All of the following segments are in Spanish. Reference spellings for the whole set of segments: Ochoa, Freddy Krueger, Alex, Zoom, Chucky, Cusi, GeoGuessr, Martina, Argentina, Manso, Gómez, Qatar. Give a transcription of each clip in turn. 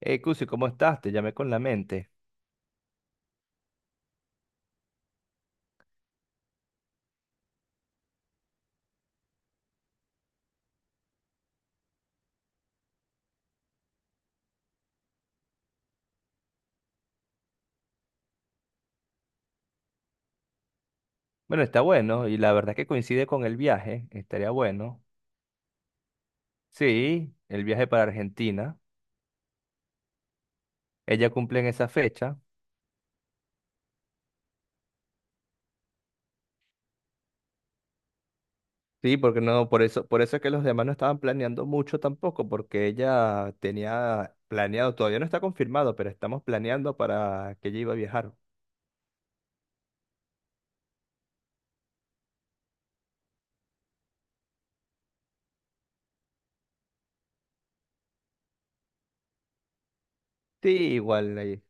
Hey, Cusi, ¿cómo estás? Te llamé con la mente. Bueno, está bueno, y la verdad es que coincide con el viaje, estaría bueno. Sí, el viaje para Argentina. Ella cumple en esa fecha. Sí, porque no, por eso es que los demás no estaban planeando mucho tampoco, porque ella tenía planeado, todavía no está confirmado, pero estamos planeando para que ella iba a viajar. Sí, igual ahí.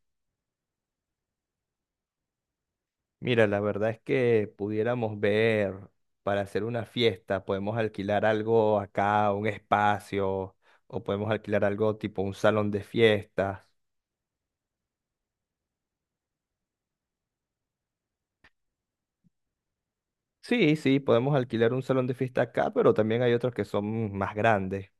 Mira, la verdad es que pudiéramos ver para hacer una fiesta, podemos alquilar algo acá, un espacio, o podemos alquilar algo tipo un salón de fiestas. Sí, sí, podemos alquilar un salón de fiesta acá, pero también hay otros que son más grandes.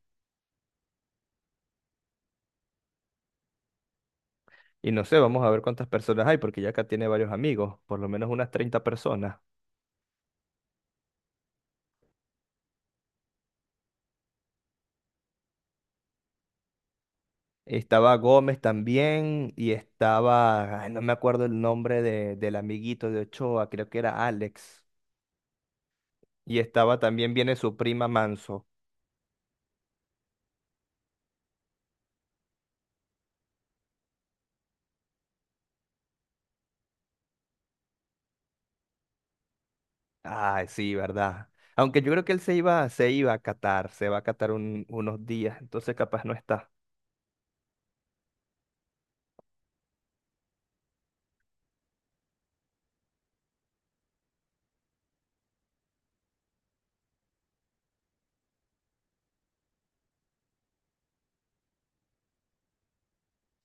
Y no sé, vamos a ver cuántas personas hay, porque ya acá tiene varios amigos, por lo menos unas 30 personas. Estaba Gómez también y estaba, ay, no me acuerdo el nombre de, del amiguito de Ochoa, creo que era Alex. Y estaba también, viene su prima Manso. Ay, sí, ¿verdad? Aunque yo creo que él se iba a Qatar, se va a Qatar unos días, entonces capaz no está.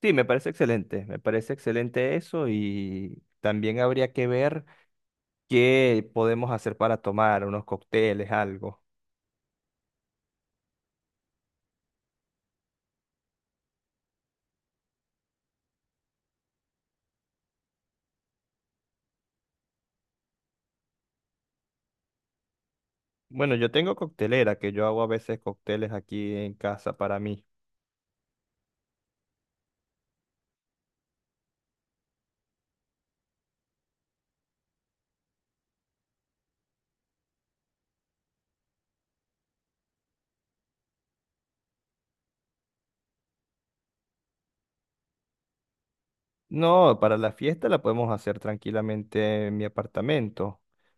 Sí, me parece excelente, eso y también habría que ver qué podemos hacer para tomar, unos cócteles, algo. Bueno, yo tengo coctelera, que yo hago a veces cócteles aquí en casa para mí. No, para la fiesta la podemos hacer tranquilamente en mi apartamento.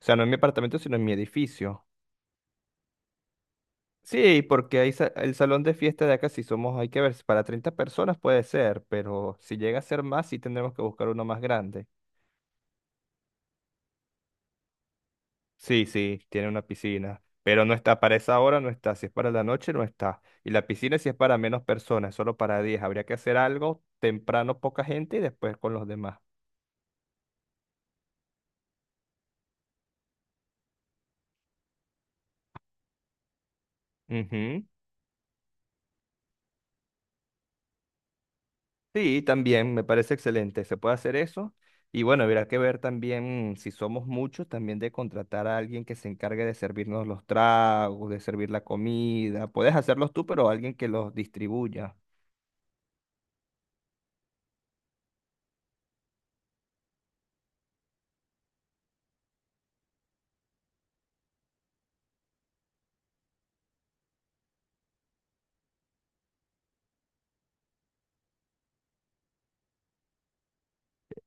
O sea, no en mi apartamento, sino en mi edificio. Sí, porque el salón de fiesta de acá, si somos, hay que ver, si para 30 personas puede ser, pero si llega a ser más, sí tendremos que buscar uno más grande. Sí, sí, tiene una piscina, pero no está, para esa hora no está, si es para la noche no está. Y la piscina si es para menos personas, solo para 10. Habría que hacer algo temprano, poca gente y después con los demás. Ujú. Sí, también me parece excelente. Se puede hacer eso. Y bueno, habrá que ver también si somos muchos, también de contratar a alguien que se encargue de servirnos los tragos, de servir la comida. Puedes hacerlos tú, pero alguien que los distribuya.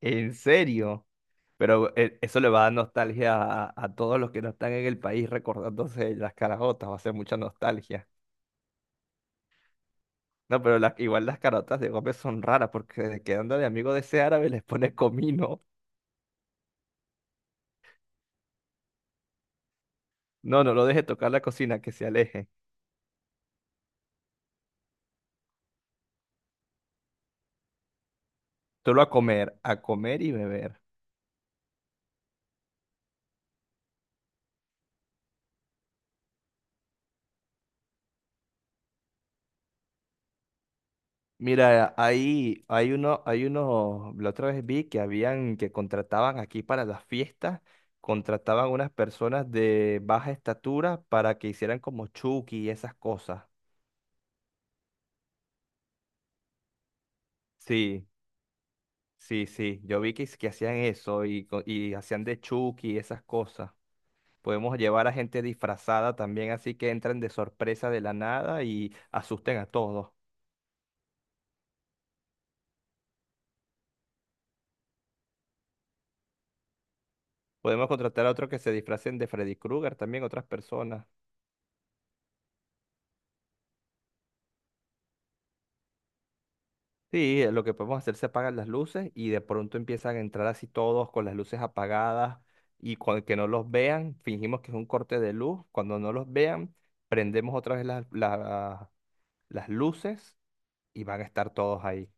¿En serio? Pero eso le va a dar nostalgia a todos los que no están en el país recordándose de las carajotas. Va a ser mucha nostalgia. No, igual las carajotas de Gómez son raras porque quedando de amigo de ese árabe les pone comino. No, no lo deje tocar la cocina, que se aleje. Solo a comer y beber. Mira, ahí hay uno, hay unos, la otra vez vi que habían, que contrataban aquí para las fiestas, contrataban unas personas de baja estatura para que hicieran como Chucky y esas cosas. Sí, sí, sí. Yo vi que, que hacían eso y, y hacían de Chucky y esas cosas. Podemos llevar a gente disfrazada también, así que entran de sorpresa de la nada y asusten a todos. Podemos contratar a otros que se disfracen de Freddy Krueger también, otras personas. Sí, lo que podemos hacer se apagan las luces y de pronto empiezan a entrar así todos con las luces apagadas y con que no los vean, fingimos que es un corte de luz. Cuando no los vean, prendemos otra vez las luces y van a estar todos ahí.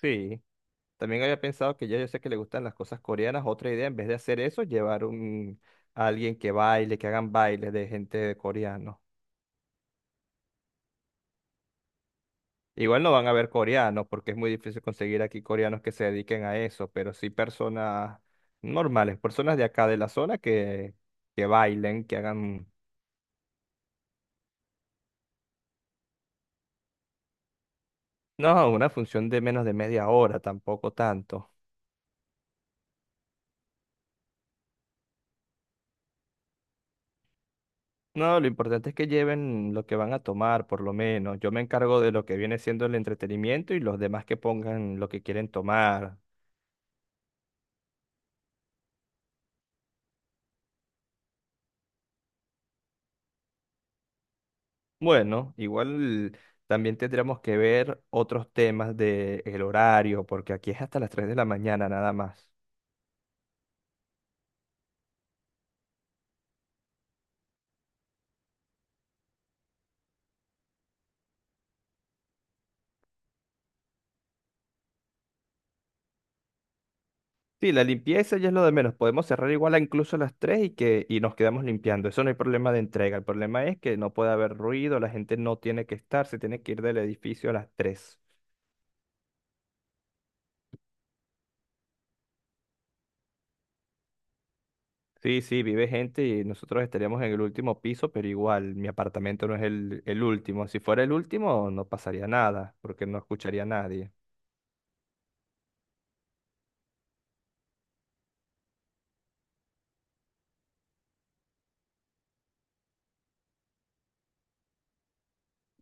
Sí, también había pensado que ya yo sé que le gustan las cosas coreanas. Otra idea, en vez de hacer eso, a alguien que baile, que hagan bailes de gente de coreano. Igual no van a haber coreanos, porque es muy difícil conseguir aquí coreanos que se dediquen a eso, pero sí personas normales, personas de acá de la zona que bailen, que hagan, no, una función de menos de media hora, tampoco tanto. No, lo importante es que lleven lo que van a tomar, por lo menos. Yo me encargo de lo que viene siendo el entretenimiento y los demás que pongan lo que quieren tomar. Bueno, igual también tendremos que ver otros temas del horario, porque aquí es hasta las 3 de la mañana nada más. Sí, la limpieza ya es lo de menos. Podemos cerrar igual a incluso a las 3 y, que, y nos quedamos limpiando. Eso no hay problema de entrega. El problema es que no puede haber ruido, la gente no tiene que estar, se tiene que ir del edificio a las 3. Sí, sí, vive gente y nosotros estaríamos en el último piso, pero igual mi apartamento no es el último. Si fuera el último, no pasaría nada, porque no escucharía a nadie.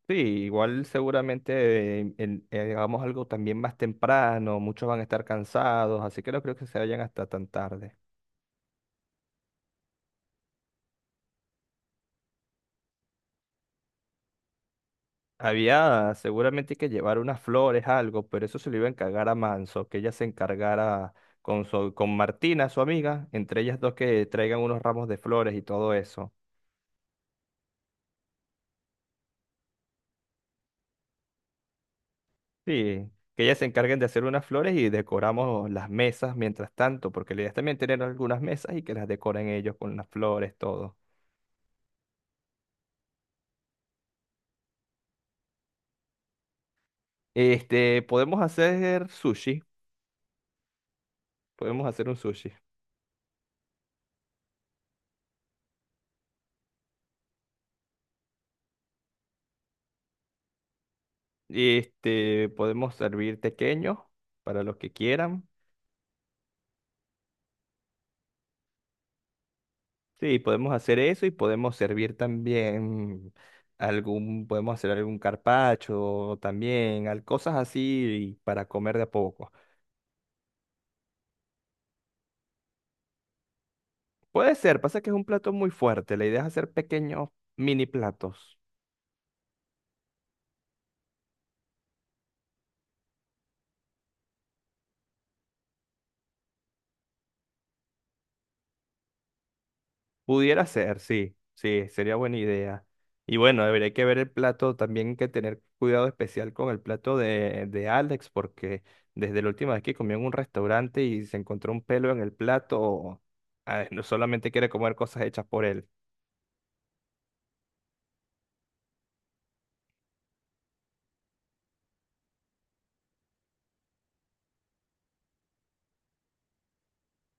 Sí, igual seguramente hagamos algo también más temprano, muchos van a estar cansados, así que no creo que se vayan hasta tan tarde. Había seguramente que llevar unas flores, algo, pero eso se lo iba a encargar a Manso, que ella se encargara con, con Martina, su amiga, entre ellas dos que traigan unos ramos de flores y todo eso. Sí, que ellas se encarguen de hacer unas flores y decoramos las mesas mientras tanto, porque la idea es también tener algunas mesas y que las decoren ellos con las flores, todo. Este, podemos hacer sushi, podemos hacer un sushi. Este, podemos servir pequeños para los que quieran. Sí, podemos hacer eso y podemos servir también algún, podemos hacer algún carpacho también, cosas así para comer de a poco. Puede ser, pasa que es un plato muy fuerte, la idea es hacer pequeños mini platos. Pudiera ser, sí, sí, sería buena idea. Y bueno, habría que ver el plato, también hay que tener cuidado especial con el plato de Alex, porque desde la última vez que comió en un restaurante y se encontró un pelo en el plato, ah, no solamente quiere comer cosas hechas por él.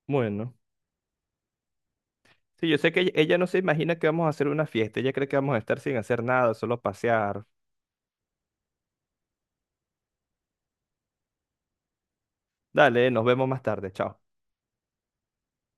Bueno, sí, yo sé que ella no se imagina que vamos a hacer una fiesta, ella cree que vamos a estar sin hacer nada, solo pasear. Dale, nos vemos más tarde, chao.